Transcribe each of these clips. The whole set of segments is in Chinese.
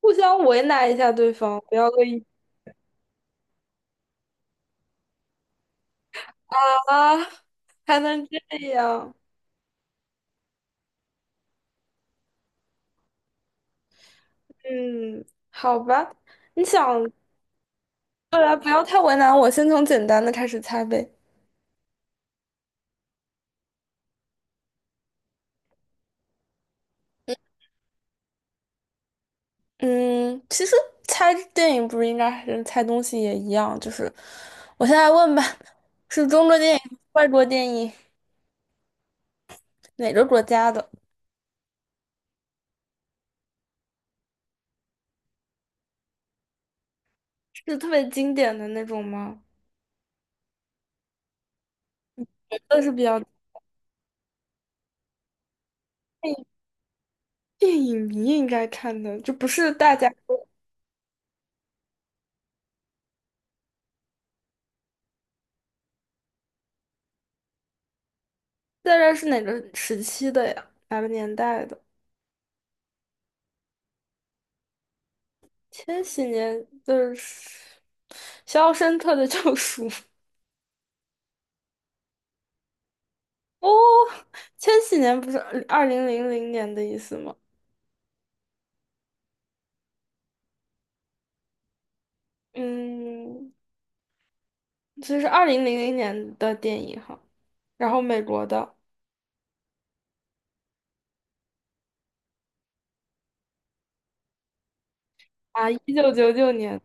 互相为难一下对方，不要恶意啊，还能这样？嗯，好吧，你想过来，不要太为难我，先从简单的开始猜呗。嗯，其实猜电影不是应该还是猜东西也一样，就是我现在问吧，是中国电影、外国电影，哪个国家的？是特别经典的那种吗？那是比较电影电影迷应该看的，就不是大家。大概是哪个时期的呀？哪个年代的？千禧年的《肖申克的救赎 <laughs>》哦，千禧年不是二零零零年的意思吗？嗯，这是二零零零年的电影哈，然后美国的啊，1999年，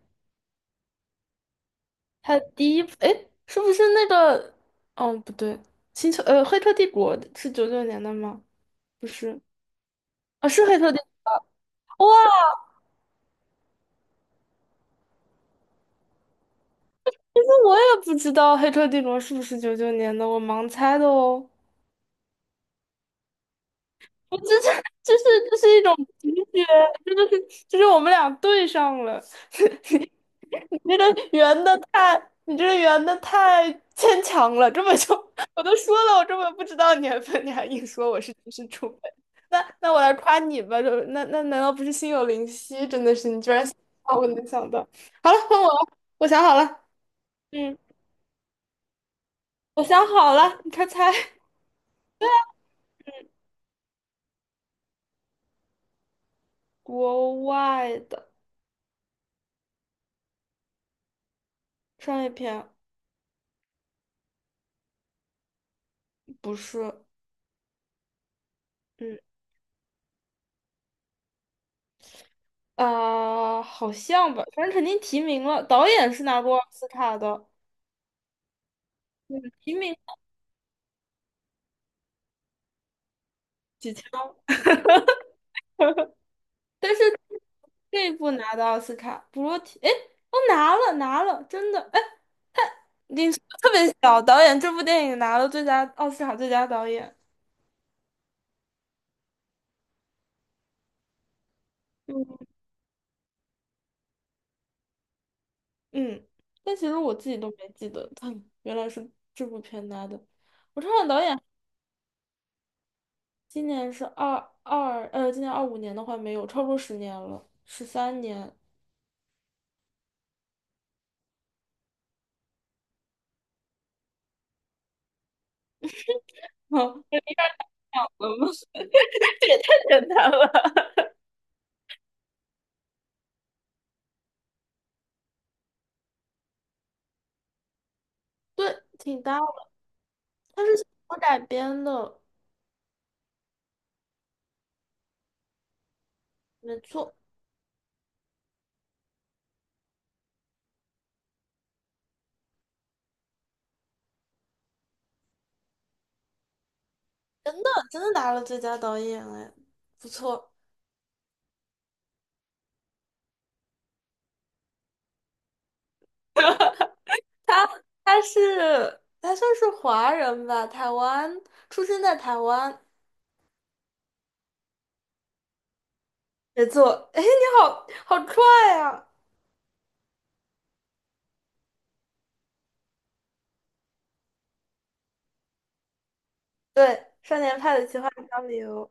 它第一部，哎，是不是那个？哦，不对，《黑客帝国》是九九年的吗？不是，啊，是《黑客帝》。哇，其实我也不知道《黑客帝国》是不是九九年的，我盲猜的哦。我这是这是这是一种直觉，真的是就是我们俩对上了。你这个圆的太，你这个圆的太牵强了，根本就 我都说了，我根本不知道年份，你还硬说我是知识储备。那我来夸你吧，就难道不是心有灵犀？真的是你居然想到我能想到。好了，换我了，我想好了。嗯，我想好了，你快猜。国外的商业片不是。嗯，好像吧，反正肯定提名了。导演是拿过奥斯卡的。嗯，提名几枪。但是这一部拿的奥斯卡，不过提，哎，哦，拿了拿了，真的，哎，你说得特别小，导演这部电影拿了最佳奥斯卡最佳导演。嗯，嗯，但其实我自己都没记得，他原来是这部片拿的。我看看导演。今年是二二，呃，今年25年的话没有，超过十年了，13年。哦，这样了吗？这也太简单了。对，挺搭的，他是小说改编的，没错。真的真的拿了最佳导演，哎，不错。他他算是华人吧，台湾出生在台湾，没错。哎，你好好帅啊！对，《少年派的奇幻漂流》。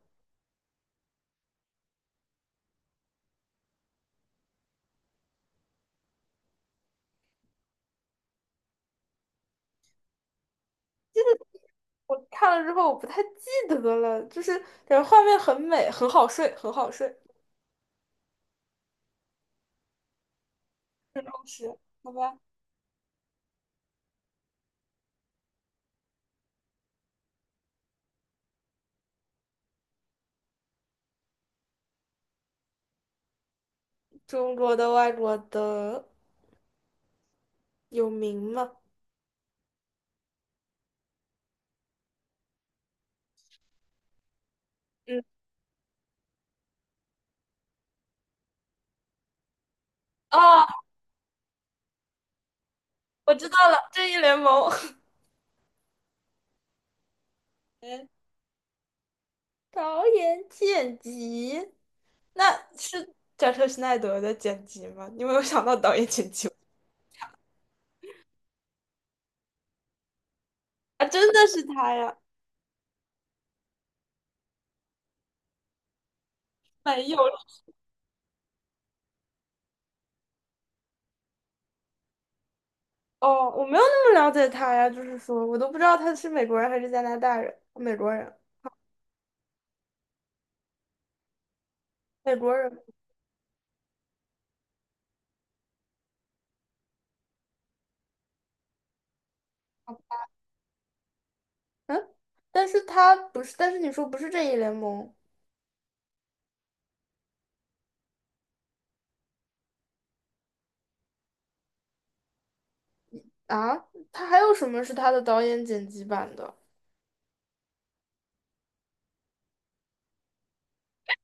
我看了之后我不太记得了，就是感觉画面很美，很好睡，很好睡，很充实。好吧？中国的、外国的有名吗？嗯。哦，我知道了，《正义联盟》嗯，导演剪辑，那是贾克施奈德的剪辑吗？你有没有想到导演剪辑啊？真的是他呀？没有。哦，我没有那么了解他呀，就是说我都不知道他是美国人还是加拿大人，美国人，美国人。嗯，但是他不是，但是你说不是正义联盟啊？他还有什么是他的导演剪辑版的？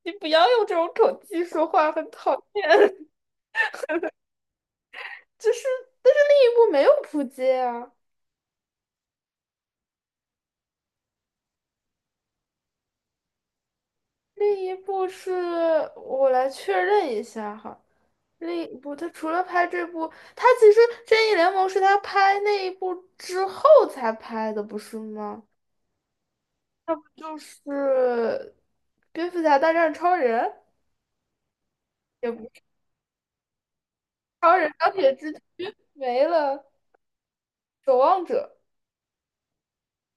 你不要用这种口气说话，很讨厌。就是，但是另一部没有扑街啊，另一部是我来确认一下哈，另一部他除了拍这部，他其实正义联盟是他拍那一部之后才拍的，不是吗？那不就是蝙蝠侠大战超人？也不。超人、钢铁之躯没了，守望者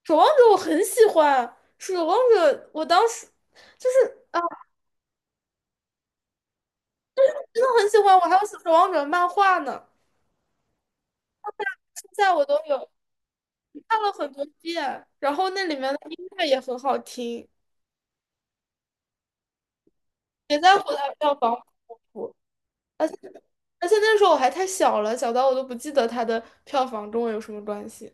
守望者我很喜欢，守望者我当时就是啊，真的很喜欢，我还有守望者漫画呢，现在我都有，看了很多遍，然后那里面的音乐也很好听，也在乎它票房？不，不，而且那时候我还太小了，小到我都不记得它的票房跟我有什么关系。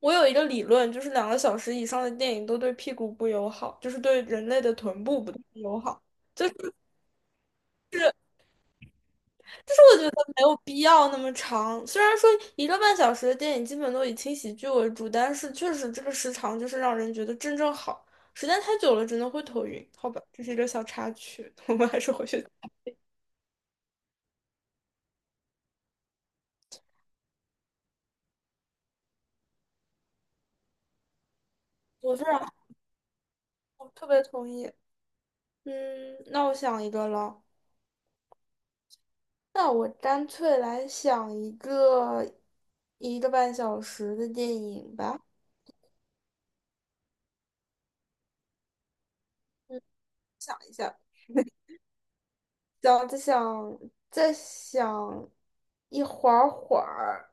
我有一个理论，就是2个小时以上的电影都对屁股不友好，就是对人类的臀部不太友好。就就是我觉得没有必要那么长，虽然说一个半小时的电影基本都以轻喜剧为主，但是确实这个时长就是让人觉得正正好，时间太久了真的会头晕。好吧，这是一个小插曲，我们还是回去。我非常，我特别同意。嗯，那我想一个了，那我干脆来想一个一个半小时的电影吧。嗯，想想再想一会儿。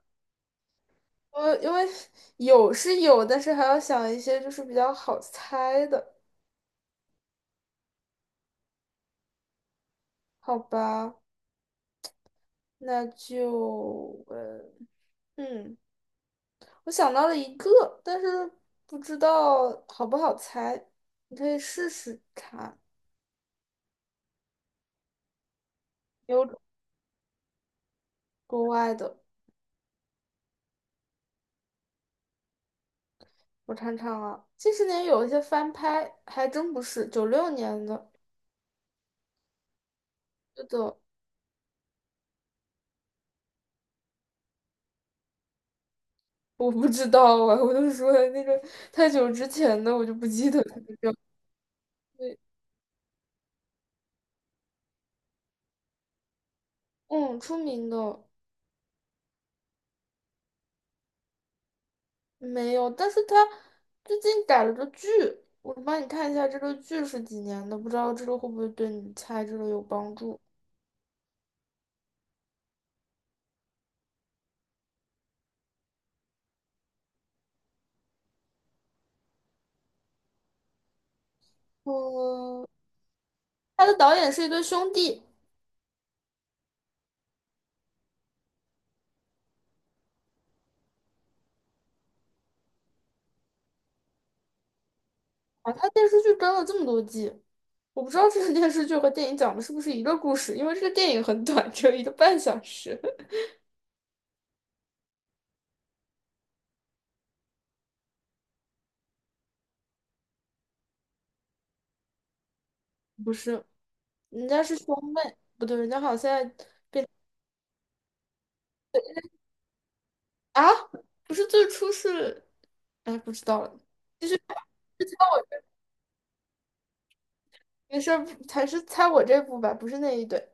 我因为有是有，但是还要想一些就是比较好猜的，好吧？那就嗯，我想到了一个，但是不知道好不好猜，你可以试试看。有国外的，我尝尝啊。近十年有一些翻拍，还真不是96年的，是的。我不知道啊，我就说那个太久之前的我就不记得它的叫。对，嗯，出名的。没有，但是他最近改了个剧，我帮你看一下这个剧是几年的，不知道这个会不会对你猜这个有帮助。嗯，他的导演是一对兄弟啊，他电视剧跟了这么多季，我不知道这个电视剧和电影讲的是不是一个故事，因为这个电影很短，只有一个半小时。不是，人家是兄妹，不对，人家好像现在啊，不是最初是，哎，不知道了，没事儿，还是猜我这部吧，不是那一对。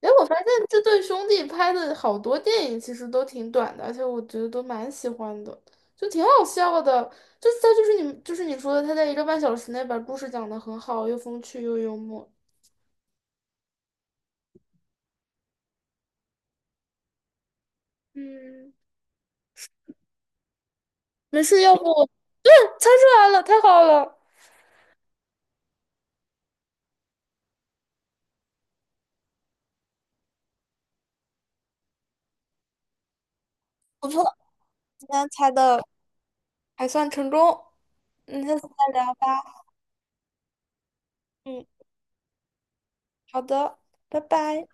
哎，我发现这对兄弟拍的好多电影其实都挺短的，而且我觉得都蛮喜欢的，就挺好笑的。就是他就是你就是你说的，他在一个半小时内把故事讲得很好。又风趣又幽默。嗯，没事，要不我猜出来了，太好了，不错，今天猜的还算成功。嗯，下次再聊吧。嗯，好的，拜拜。